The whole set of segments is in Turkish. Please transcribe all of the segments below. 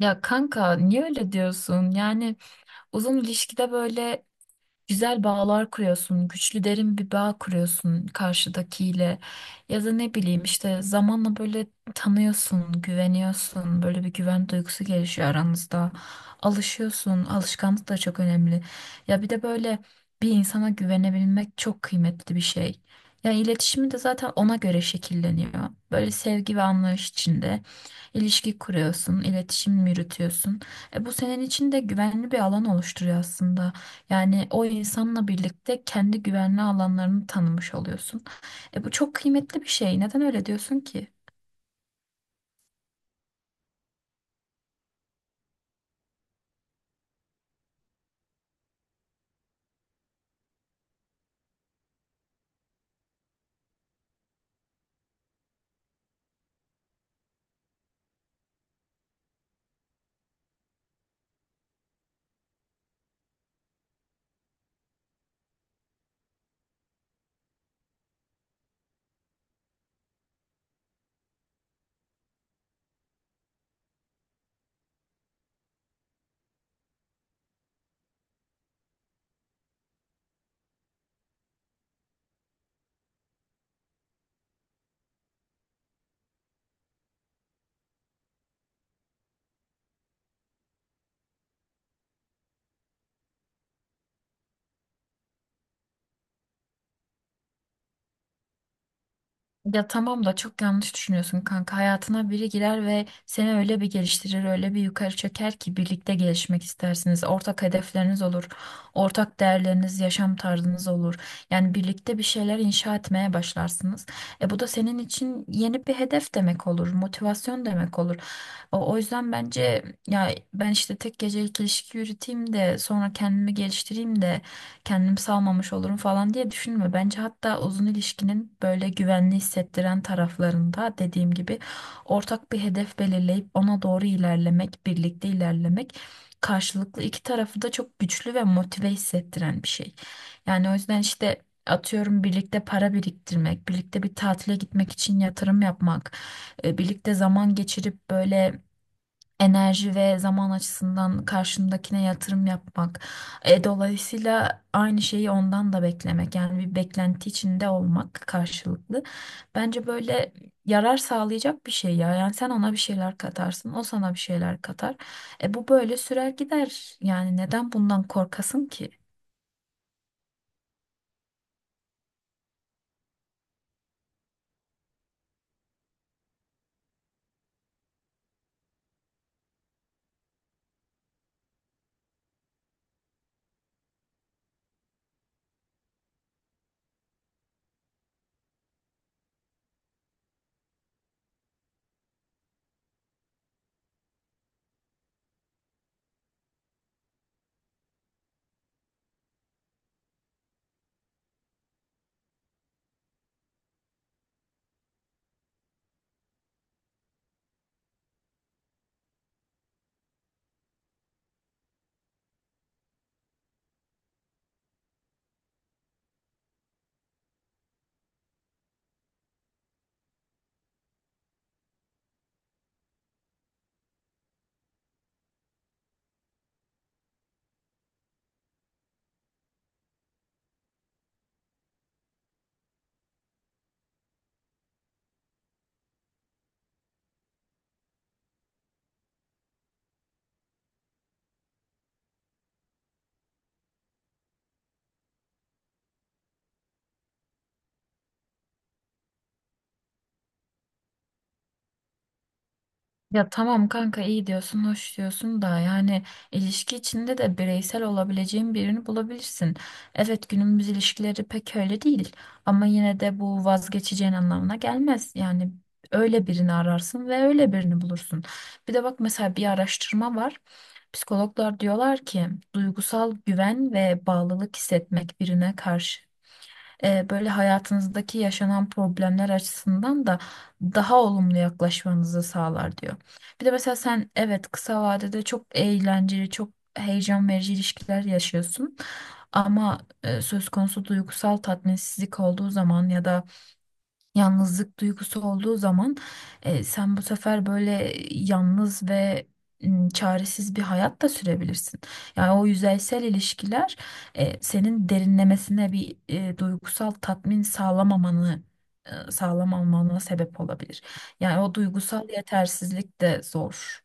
Ya kanka niye öyle diyorsun? Yani uzun ilişkide böyle güzel bağlar kuruyorsun, güçlü derin bir bağ kuruyorsun karşıdakiyle. Ya da ne bileyim işte zamanla böyle tanıyorsun, güveniyorsun. Böyle bir güven duygusu gelişiyor aranızda. Alışıyorsun, alışkanlık da çok önemli. Ya bir de böyle bir insana güvenebilmek çok kıymetli bir şey. Ya iletişimi de zaten ona göre şekilleniyor. Böyle sevgi ve anlayış içinde ilişki kuruyorsun, iletişim yürütüyorsun. E bu senin için de güvenli bir alan oluşturuyor aslında. Yani o insanla birlikte kendi güvenli alanlarını tanımış oluyorsun. E bu çok kıymetli bir şey. Neden öyle diyorsun ki? Ya tamam da çok yanlış düşünüyorsun kanka. Hayatına biri girer ve seni öyle bir geliştirir, öyle bir yukarı çeker ki birlikte gelişmek istersiniz. Ortak hedefleriniz olur, ortak değerleriniz, yaşam tarzınız olur. Yani birlikte bir şeyler inşa etmeye başlarsınız. E bu da senin için yeni bir hedef demek olur, motivasyon demek olur. O yüzden bence ya ben işte tek gecelik ilişki yürüteyim de sonra kendimi geliştireyim de kendim salmamış olurum falan diye düşünme. Bence hatta uzun ilişkinin böyle güvenli hissettiren taraflarında dediğim gibi ortak bir hedef belirleyip ona doğru ilerlemek, birlikte ilerlemek karşılıklı iki tarafı da çok güçlü ve motive hissettiren bir şey. Yani o yüzden işte atıyorum birlikte para biriktirmek, birlikte bir tatile gitmek için yatırım yapmak, birlikte zaman geçirip böyle enerji ve zaman açısından karşındakine yatırım yapmak. E, dolayısıyla aynı şeyi ondan da beklemek yani bir beklenti içinde olmak karşılıklı. Bence böyle yarar sağlayacak bir şey ya. Yani sen ona bir şeyler katarsın, o sana bir şeyler katar. E bu böyle sürer gider. Yani neden bundan korkasın ki? Ya tamam kanka iyi diyorsun, hoş diyorsun da yani ilişki içinde de bireysel olabileceğin birini bulabilirsin. Evet günümüz ilişkileri pek öyle değil ama yine de bu vazgeçeceğin anlamına gelmez. Yani öyle birini ararsın ve öyle birini bulursun. Bir de bak mesela bir araştırma var. Psikologlar diyorlar ki duygusal güven ve bağlılık hissetmek birine karşı böyle hayatınızdaki yaşanan problemler açısından da daha olumlu yaklaşmanızı sağlar diyor. Bir de mesela sen evet kısa vadede çok eğlenceli, çok heyecan verici ilişkiler yaşıyorsun. Ama söz konusu duygusal tatminsizlik olduğu zaman ya da yalnızlık duygusu olduğu zaman sen bu sefer böyle yalnız ve çaresiz bir hayat da sürebilirsin. Yani o yüzeysel ilişkiler senin derinlemesine bir duygusal tatmin sağlamamanı sağlamamana sebep olabilir. Yani o duygusal yetersizlik de zor.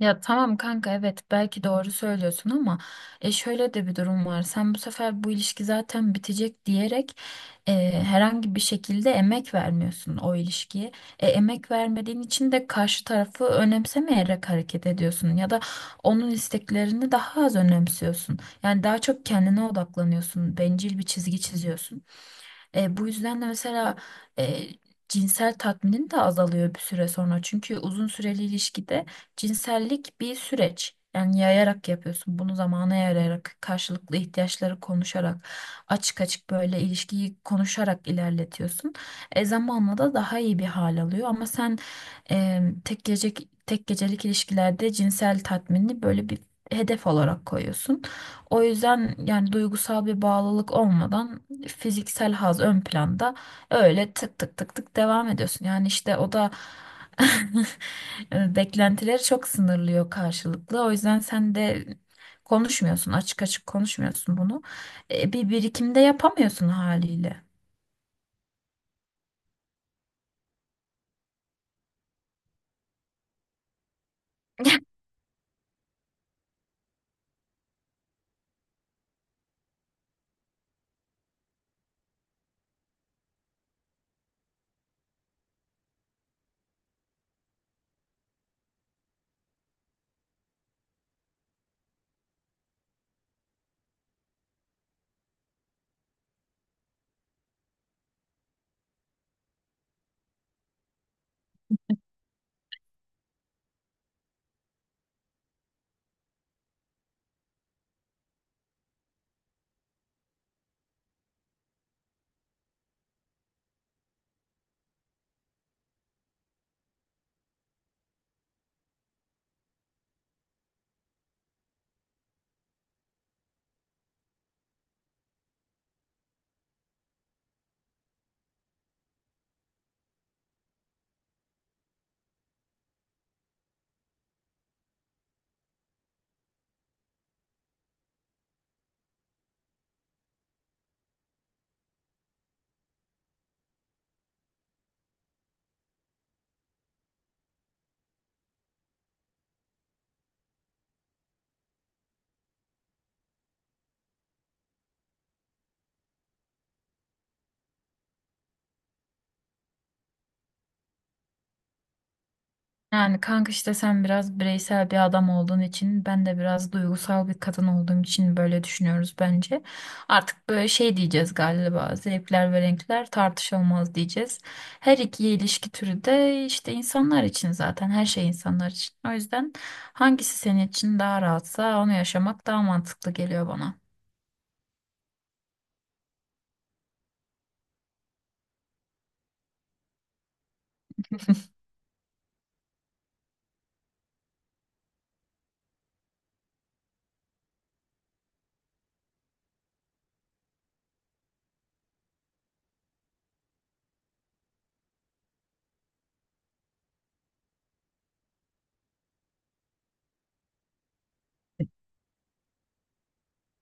Ya tamam kanka evet belki doğru söylüyorsun ama şöyle de bir durum var. Sen bu sefer bu ilişki zaten bitecek diyerek herhangi bir şekilde emek vermiyorsun o ilişkiye. E, emek vermediğin için de karşı tarafı önemsemeyerek hareket ediyorsun ya da onun isteklerini daha az önemsiyorsun. Yani daha çok kendine odaklanıyorsun, bencil bir çizgi çiziyorsun. E, bu yüzden de mesela e, cinsel tatminin de azalıyor bir süre sonra. Çünkü uzun süreli ilişkide cinsellik bir süreç. Yani yayarak yapıyorsun. Bunu zamana yayarak, karşılıklı ihtiyaçları konuşarak, açık açık böyle ilişkiyi konuşarak ilerletiyorsun. E, zamanla da daha iyi bir hal alıyor. Ama sen e, tek gece tek gecelik ilişkilerde cinsel tatminini böyle bir hedef olarak koyuyorsun. O yüzden yani duygusal bir bağlılık olmadan fiziksel haz ön planda öyle tık tık tık tık devam ediyorsun. Yani işte o da beklentileri çok sınırlıyor karşılıklı. O yüzden sen de konuşmuyorsun, açık açık konuşmuyorsun bunu. E, bir birikimde yapamıyorsun haliyle. Yani kanka işte sen biraz bireysel bir adam olduğun için ben de biraz duygusal bir kadın olduğum için böyle düşünüyoruz bence. Artık böyle şey diyeceğiz galiba zevkler ve renkler tartışılmaz diyeceğiz. Her iki ilişki türü de işte insanlar için zaten her şey insanlar için. O yüzden hangisi senin için daha rahatsa onu yaşamak daha mantıklı geliyor bana.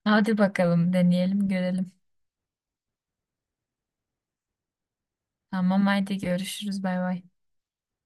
Hadi bakalım deneyelim görelim. Tamam haydi görüşürüz bay bay.